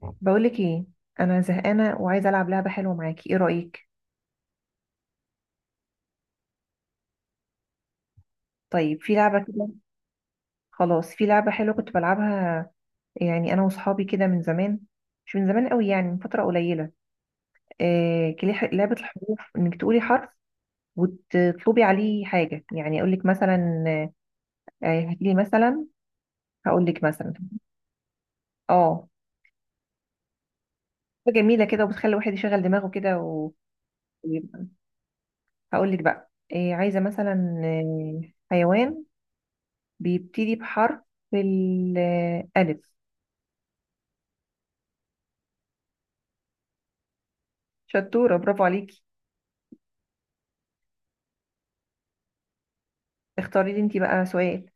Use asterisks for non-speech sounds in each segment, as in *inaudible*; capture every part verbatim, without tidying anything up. بقولك ايه؟ انا زهقانه وعايزه العب لعبه حلوه معاكي، ايه رايك؟ طيب في لعبه كده. خلاص، في لعبه حلوه كنت بلعبها، يعني انا وصحابي كده من زمان. مش من زمان قوي، يعني من فتره قليله. آه كلي- ح- لعبه الحروف، انك تقولي حرف وتطلبي عليه حاجه. يعني اقول لك مثلا، آه هاتي لي مثلا. هقول لك مثلا اه، حاجة جميله كده وبتخلي الواحد يشغل دماغه كده و... ويبقى- هقول لك بقى، آه عايزه مثلا، آه حيوان بيبتدي بحرف الألف. شطورة، برافو عليكي. اختاري لي انتي بقى سؤال.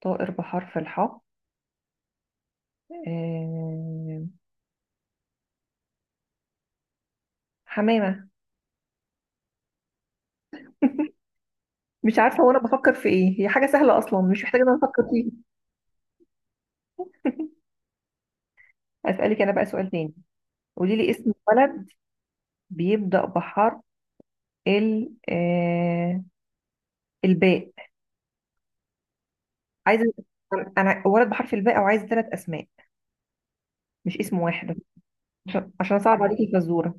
طائر بحرف الحاء؟ آه... حمامة. مش عارفة وانا بفكر في ايه، هي حاجة سهلة اصلا، مش محتاجة ان انا افكر فيها. اسألك انا بقى سؤال تاني. قولي لي اسم ولد بيبدأ بحرف ال آه... الباء. عايزة، انا ولد بحرف الباء، او عايزة ثلاث اسماء مش اسم واحد، عشان عشان اصعب عليكي الفزورة.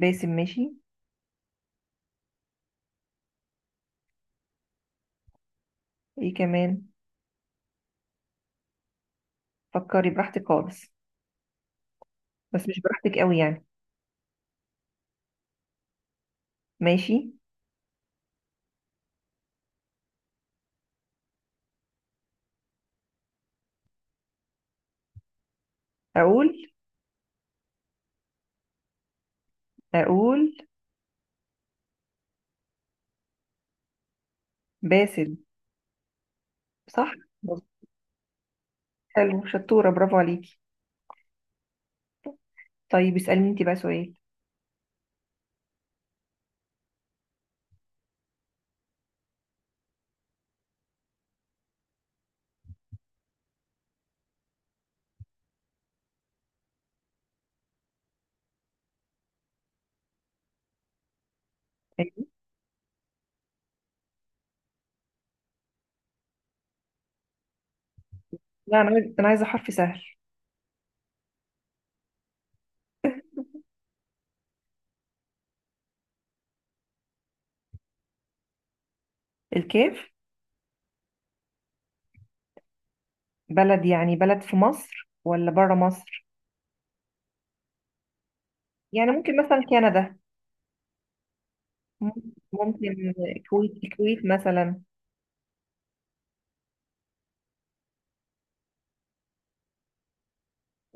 باسم، ماشي. ايه كمان؟ فكري براحتك خالص، بس مش براحتك قوي يعني. ماشي. اقول؟ اقول باسل. صح، مظبوط. حلو، شطورة، برافو عليكي. طيب اسألني انت بقى سؤال. لا انا عايز- انا عايزة حرف سهل. الكاف؟ بلد يعني بلد في مصر ولا بره مصر؟ يعني ممكن مثلا كندا، مم- ممكن الكويت الكويت مثلا.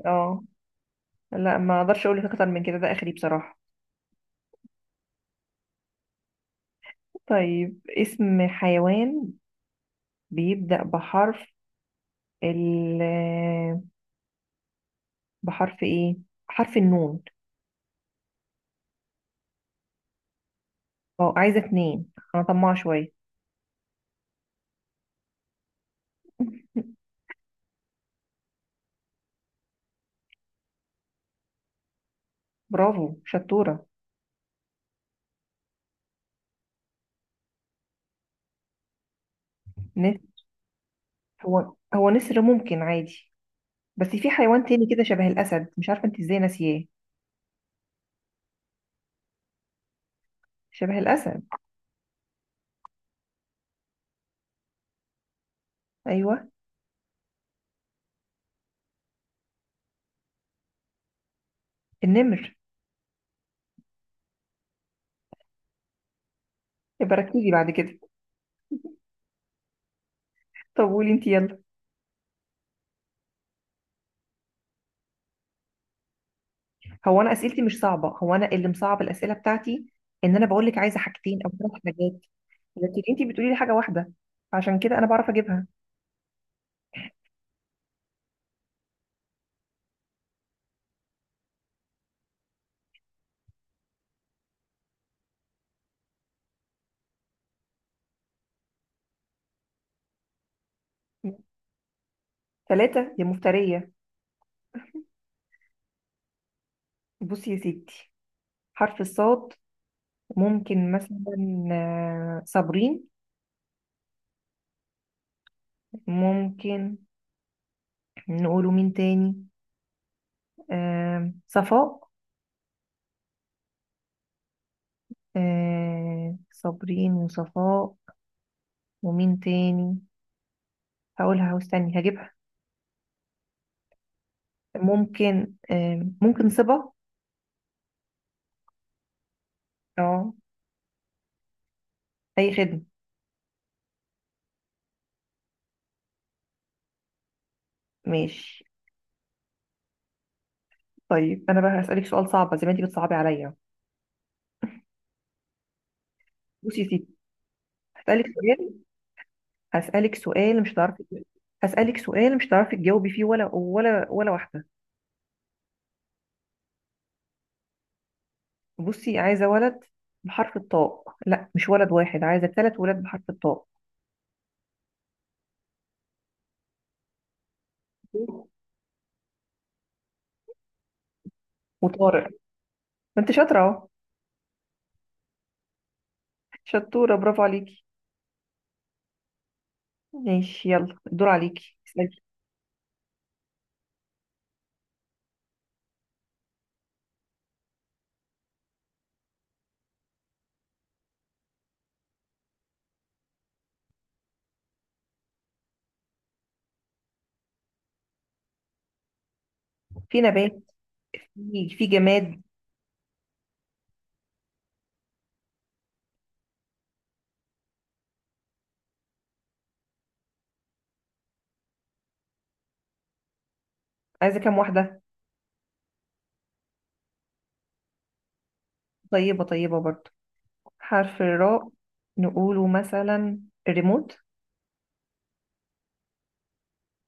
اه، لا ما اقدرش اقول لك اكتر من كده، ده اخري بصراحة. طيب اسم حيوان بيبدأ بحرف ال، بحرف ايه؟ حرف النون. اه عايزة اتنين، انا طماعة شوية. *laughs* برافو شطورة. نس... هو هو نسر ممكن عادي، بس في حيوان تاني كده شبه الأسد، مش عارفة انت ازاي ناسياه. شبه الأسد. أيوه، النمر. يبقى ركزي بعد كده. طب قولي انت يلا. هو أنا أسئلتي مش صعبة، هو أنا اللي مصعب الأسئلة بتاعتي. إن أنا بقول لك عايزة حاجتين أو ثلاث حاجات، لكن انت بتقولي لي حاجة واحدة، عشان كده أنا بعرف أجيبها. ثلاثة يا مفترية. بصي يا ستي، حرف الصاد. ممكن مثلا، آه، صابرين. ممكن. نقوله مين تاني؟ آم، صفاء. آه، صابرين وصفاء. ومين تاني؟ هقولها واستني هجيبها. ممكن، آه ممكن صبا. اه، اي خدمة. ماشي. طيب انا بقى هسألك سؤال صعب زي ما انتي بتصعبي عليا. بصي يا ستي، هسألك سؤال. هسألك سؤال مش هتعرفي. هسألك سؤال مش هتعرفي تجاوبي فيه ولا ولا ولا واحدة. بصي، عايزة ولد بحرف الطاء، لا مش ولد واحد، عايزة ثلاث ولاد بحرف الطاء. وطارق، ما انت شاطرة اهو. شطورة، برافو عليكي. ماشي، يلا الدور عليكي اسألي. في نبات، في في جماد. عايزة كام واحدة؟ طيبة طيبة برضو. حرف الراء، نقوله مثلا الريموت.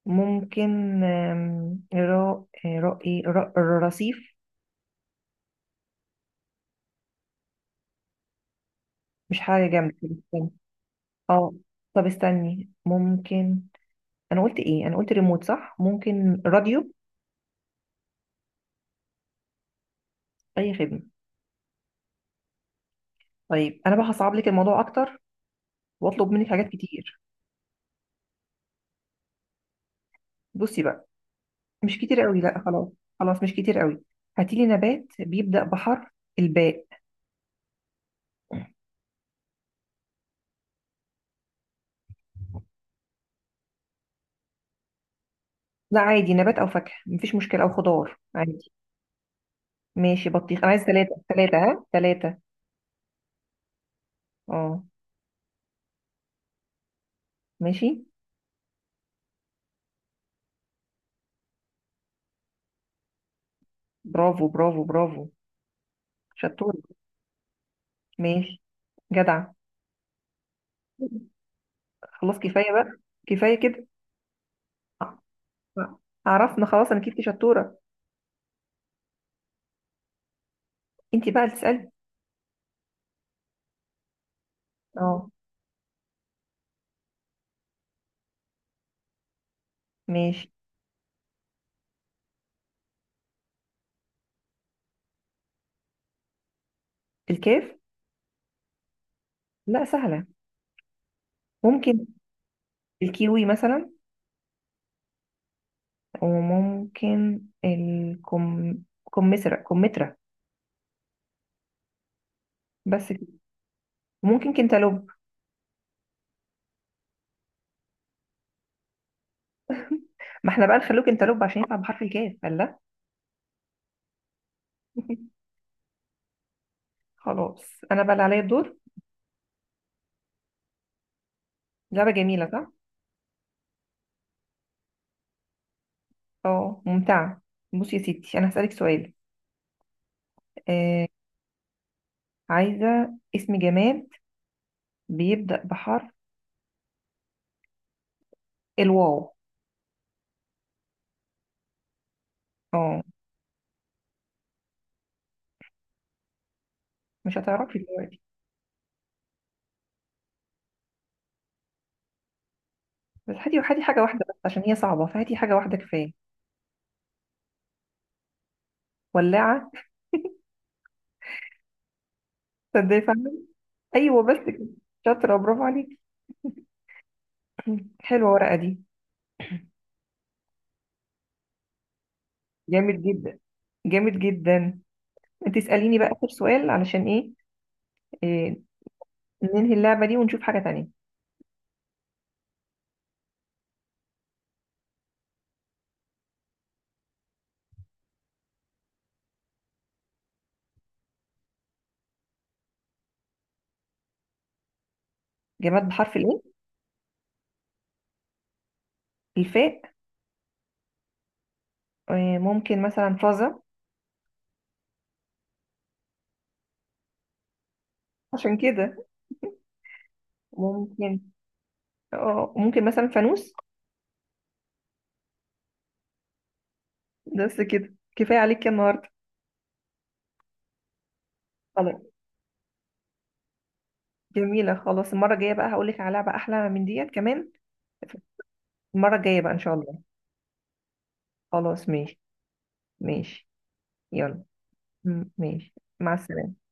ممكن، آم، راء، آه، راء ايه، راء الرصيف. مش حاجة جامدة، طب استني. اه، طب استني. ممكن، انا قلت ايه؟ انا قلت ريموت صح، ممكن راديو. اي خدمة. طيب انا بقى هصعب لك الموضوع اكتر، واطلب منك حاجات كتير. بصي بقى، مش كتير قوي، لا خلاص، خلاص مش كتير قوي. هاتي لي نبات بيبدأ بحرف الباء. لا عادي، نبات او فاكهة مفيش مشكلة، او خضار عادي. ماشي، بطيخ. انا عايز ثلاثة، ثلاثة، ها، ثلاثة. اه، ماشي. برافو، برافو، برافو، شطور. ماشي، جدع. خلاص كفاية بقى، كفاية كده. آه، آه. عرفنا خلاص، انا كيفتي شطورة. انت بقى اللي تسألي. اه، ماشي. الكاف؟ لا سهلة. ممكن الكيوي مثلا، وممكن الكم كمثرى، كمثرى. بس كده. ممكن كنتالوب. ما احنا بقى نخلوه كنتالوب عشان يطلع بحرف الكاف، قال لا. *laughs* خلاص انا بقى اللي عليا الدور. لعبة جميلة صح؟ اه، ممتعة. بصي يا ستي، انا هسألك سؤال. آه، عايزة اسم جماد بيبدأ بحرف الواو. اه مش هتعرفي دلوقتي. بس هاتي، هاتي حاجة واحدة بس، عشان هي صعبة، فهاتي حاجة واحدة كفاية. ولاعة؟ تصدقي فعلا. ايوه، بس كده. شاطرة، برافو عليكي. *laughs* حلوة ورقة دي. جامد جدا، جامد جدا. انت اسأليني بقى آخر سؤال، علشان ايه؟ إيه، ننهي اللعبة دي ونشوف حاجة تانية. جماد بحرف الايه؟ الفاء. إيه؟ ممكن مثلا فازة. عشان كده. ممكن، اه ممكن مثلا فانوس. بس كده، كفاية عليك يا النهاردة. خلاص، جميلة. خلاص المرة الجاية بقى هقول لك على لعبة أحلى من ديت كمان. المرة الجاية بقى إن شاء الله. خلاص ماشي. ماشي، يلا. م- ماشي. مع السلامة.